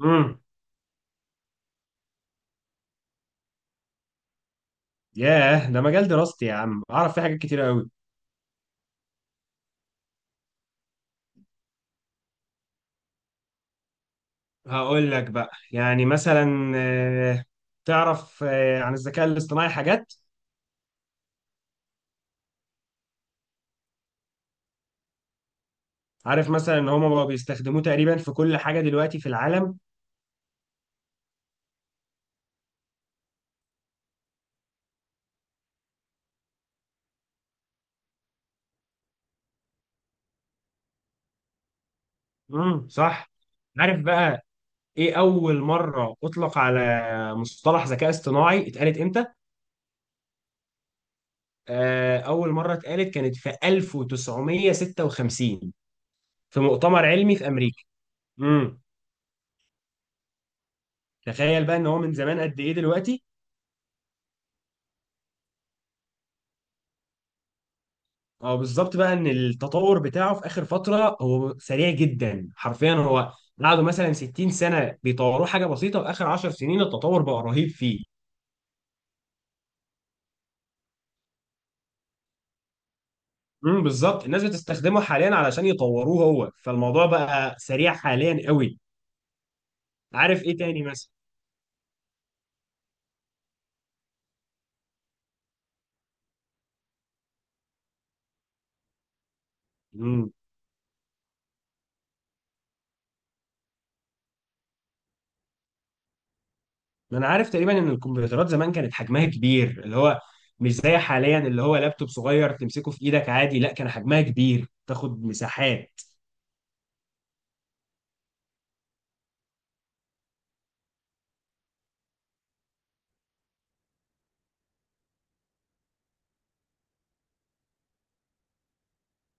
امم ياه ده مجال دراستي يا عم، اعرف فيه حاجات كتير قوي. هقول لك بقى، يعني مثلا تعرف عن الذكاء الاصطناعي حاجات. عارف مثلا ان هم بقوا بيستخدموه تقريبا في كل حاجة دلوقتي في العالم. امم، صح. عارف بقى، ايه اول مرة اطلق على مصطلح ذكاء اصطناعي اتقالت امتى؟ اول مرة اتقالت كانت في 1956، في مؤتمر علمي في امريكا. امم تخيل بقى ان هو من زمان قد ايه دلوقتي. اه، بالظبط بقى ان التطور بتاعه في اخر فتره هو سريع جدا، حرفيا هو قعدوا مثلا 60 سنه بيطوروه حاجه بسيطه، واخر 10 سنين التطور بقى رهيب فيه. بالظبط، الناس بتستخدمه حاليا علشان يطوروه هو، فالموضوع بقى سريع حاليا قوي. عارف ايه تاني مثلا؟ امم انا عارف تقريبا ان الكمبيوترات زمان كانت حجمها كبير، اللي هو مش زي حاليا اللي هو لابتوب صغير تمسكه في ايدك عادي. لا، كان حجمها كبير، تاخد مساحات.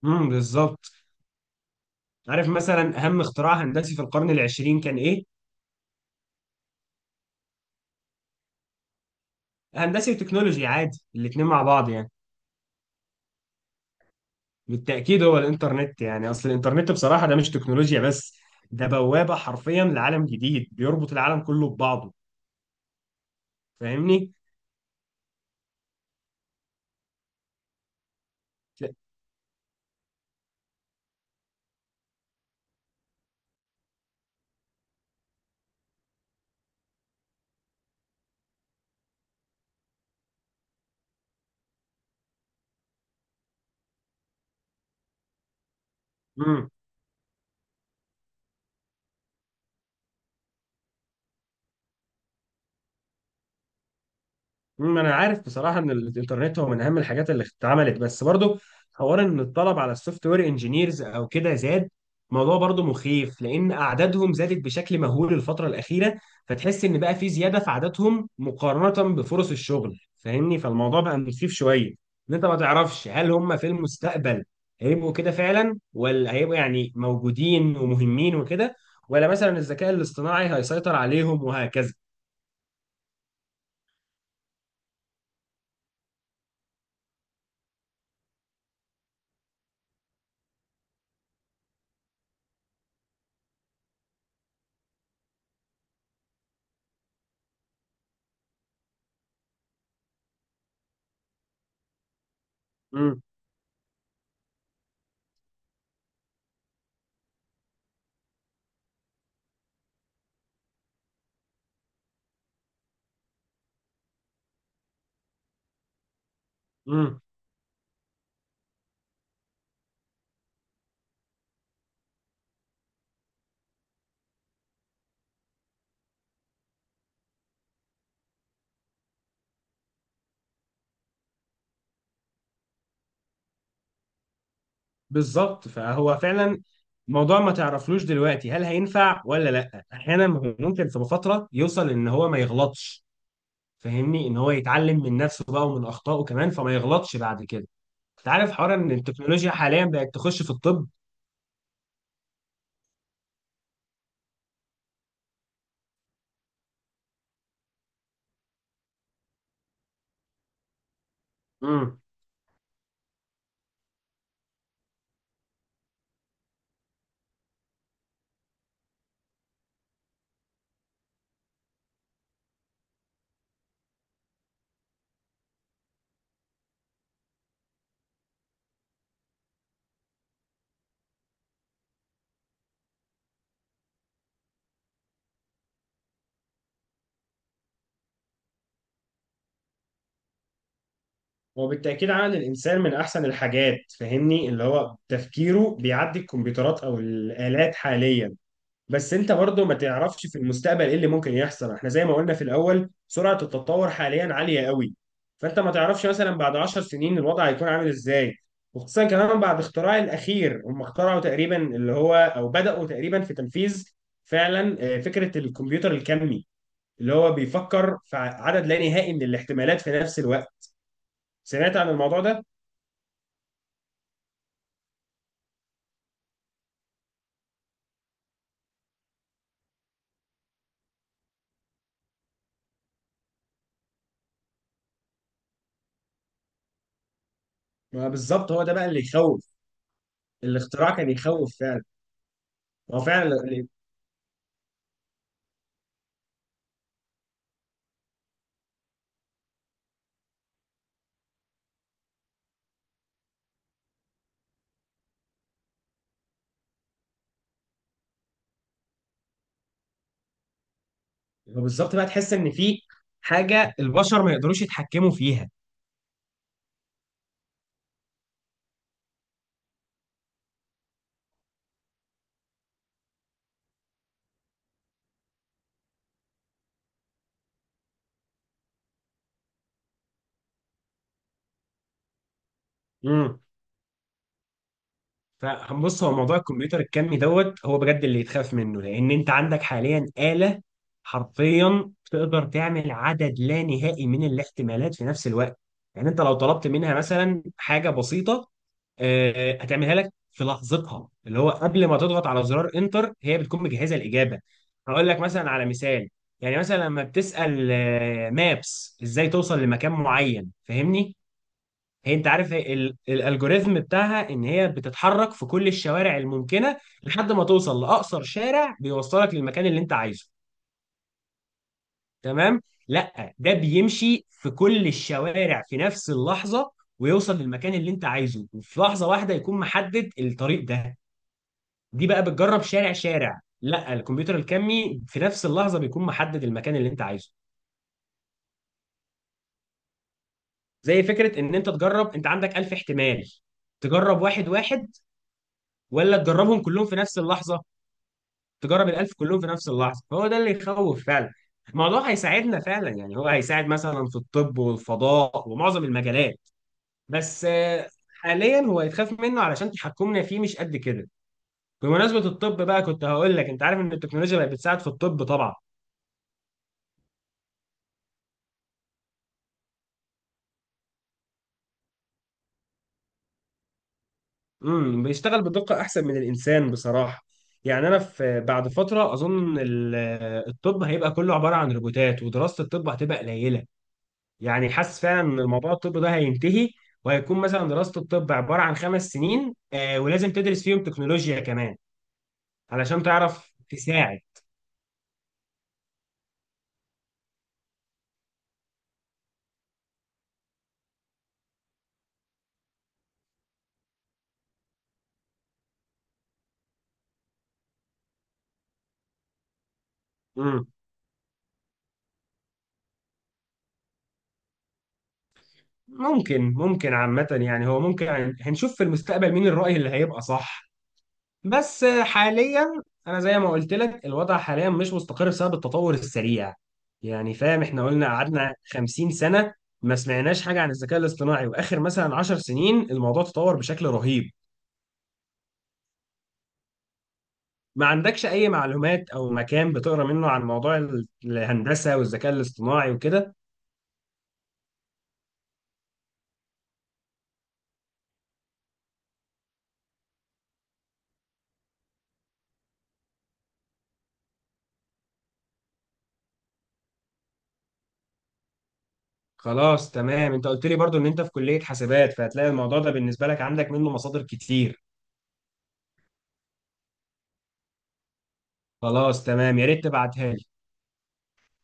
امم، بالظبط. عارف مثلا اهم اختراع هندسي في القرن العشرين كان ايه؟ هندسي وتكنولوجي عادي، الاتنين مع بعض يعني. بالتأكيد هو الانترنت. يعني اصل الانترنت بصراحة ده مش تكنولوجيا بس، ده بوابة حرفيا لعالم جديد بيربط العالم كله ببعضه. فاهمني؟ امم ما انا عارف بصراحه ان الانترنت هو من اهم الحاجات اللي اتعملت. بس برضو حوار ان الطلب على السوفت وير انجينيرز او كده زاد، موضوع برضو مخيف، لان اعدادهم زادت بشكل مهول الفتره الاخيره. فتحس ان بقى في زياده في عددهم مقارنه بفرص الشغل، فاهمني؟ فالموضوع بقى مخيف شويه ان انت ما تعرفش هل هم في المستقبل هيبقوا كده فعلا، ولا هيبقوا يعني موجودين ومهمين وكده، ولا مثلا الذكاء الاصطناعي هيسيطر عليهم، وهكذا. امم بالظبط، فهو فعلا موضوع ما تعرفلوش دلوقتي هل هينفع ولا لا. احيانا هو ممكن في فتره يوصل ان هو ما يغلطش، فاهمني؟ ان هو يتعلم من نفسه بقى ومن اخطائه كمان، فما يغلطش بعد كده. انت عارف حوار ان التكنولوجيا حاليا بقت تخش في الطب؟ امم وبالتاكيد عمل الانسان من احسن الحاجات، فاهمني؟ اللي هو تفكيره بيعدي الكمبيوترات او الالات حاليا. بس انت برضه ما تعرفش في المستقبل ايه اللي ممكن يحصل. احنا زي ما قلنا في الاول، سرعة التطور حاليا عالية قوي، فانت ما تعرفش مثلا بعد 10 سنين الوضع هيكون عامل ازاي. وخصوصا كمان بعد اختراع الاخير، هم اخترعوا تقريبا اللي هو، او بدأوا تقريبا في تنفيذ فعلا فكرة الكمبيوتر الكمي، اللي هو بيفكر في عدد لا نهائي من الاحتمالات في نفس الوقت. سمعت عن الموضوع ده؟ ما بالظبط، هو ده بقى اللي يخوف. الاختراع كان يخوف فعلا. هو فعلا هو بالظبط بقى، تحس ان في حاجه البشر ما يقدروش يتحكموا فيها. مم. فبص، هو موضوع الكمبيوتر الكمي دوت هو بجد اللي يتخاف منه، لان انت عندك حاليا آلة حرفيا تقدر تعمل عدد لا نهائي من الاحتمالات في نفس الوقت. يعني انت لو طلبت منها مثلا حاجة بسيطة، هتعملها لك في لحظتها. اللي هو قبل ما تضغط على زرار انتر، هي بتكون مجهزه الاجابه. هقول لك مثلا على مثال. يعني مثلا لما بتسال مابس ازاي توصل لمكان معين، فاهمني؟ هي انت عارف، هي الالجوريزم بتاعها ان هي بتتحرك في كل الشوارع الممكنه لحد ما توصل لاقصر شارع بيوصلك للمكان اللي انت عايزه، تمام؟ لا، ده بيمشي في كل الشوارع في نفس اللحظه ويوصل للمكان اللي انت عايزه، وفي لحظه واحده يكون محدد الطريق ده. دي بقى بتجرب شارع شارع، لا الكمبيوتر الكمي في نفس اللحظه بيكون محدد المكان اللي انت عايزه. زي فكره ان انت تجرب، انت عندك 1000 احتمال، تجرب واحد واحد، ولا تجربهم كلهم في نفس اللحظه؟ تجرب الألف كلهم في نفس اللحظة، هو ده اللي يخوف فعلا. الموضوع هيساعدنا فعلا، يعني هو هيساعد مثلا في الطب والفضاء ومعظم المجالات. بس حاليا هو يتخاف منه علشان تحكمنا فيه مش قد كده. بمناسبة الطب بقى، كنت هقول لك: انت عارف ان التكنولوجيا بقت بتساعد في الطب طبعا؟ بيشتغل بدقة احسن من الانسان بصراحة. يعني انا في بعد فترة، اظن الطب هيبقى كله عبارة عن روبوتات، ودراسة الطب هتبقى قليلة. يعني حاسس فعلا ان الموضوع الطب ده هينتهي، وهيكون مثلا دراسة الطب عبارة عن خمس سنين، ولازم تدرس فيهم تكنولوجيا كمان علشان تعرف تساعد. مم. ممكن، ممكن عامة. يعني هو ممكن، يعني هنشوف في المستقبل مين الرأي اللي هيبقى صح. بس حاليا انا زي ما قلت لك، الوضع حاليا مش مستقر بسبب التطور السريع. يعني فاهم، احنا قلنا قعدنا 50 سنة ما سمعناش حاجة عن الذكاء الاصطناعي، واخر مثلا 10 سنين الموضوع تطور بشكل رهيب. ما عندكش اي معلومات او مكان بتقرا منه عن موضوع الهندسه والذكاء الاصطناعي وكده؟ خلاص، تمام. انت قلت لي برضو ان انت في كليه حاسبات، فهتلاقي الموضوع ده بالنسبه لك عندك منه مصادر كتير. خلاص، تمام، يا ريت تبعتها لي.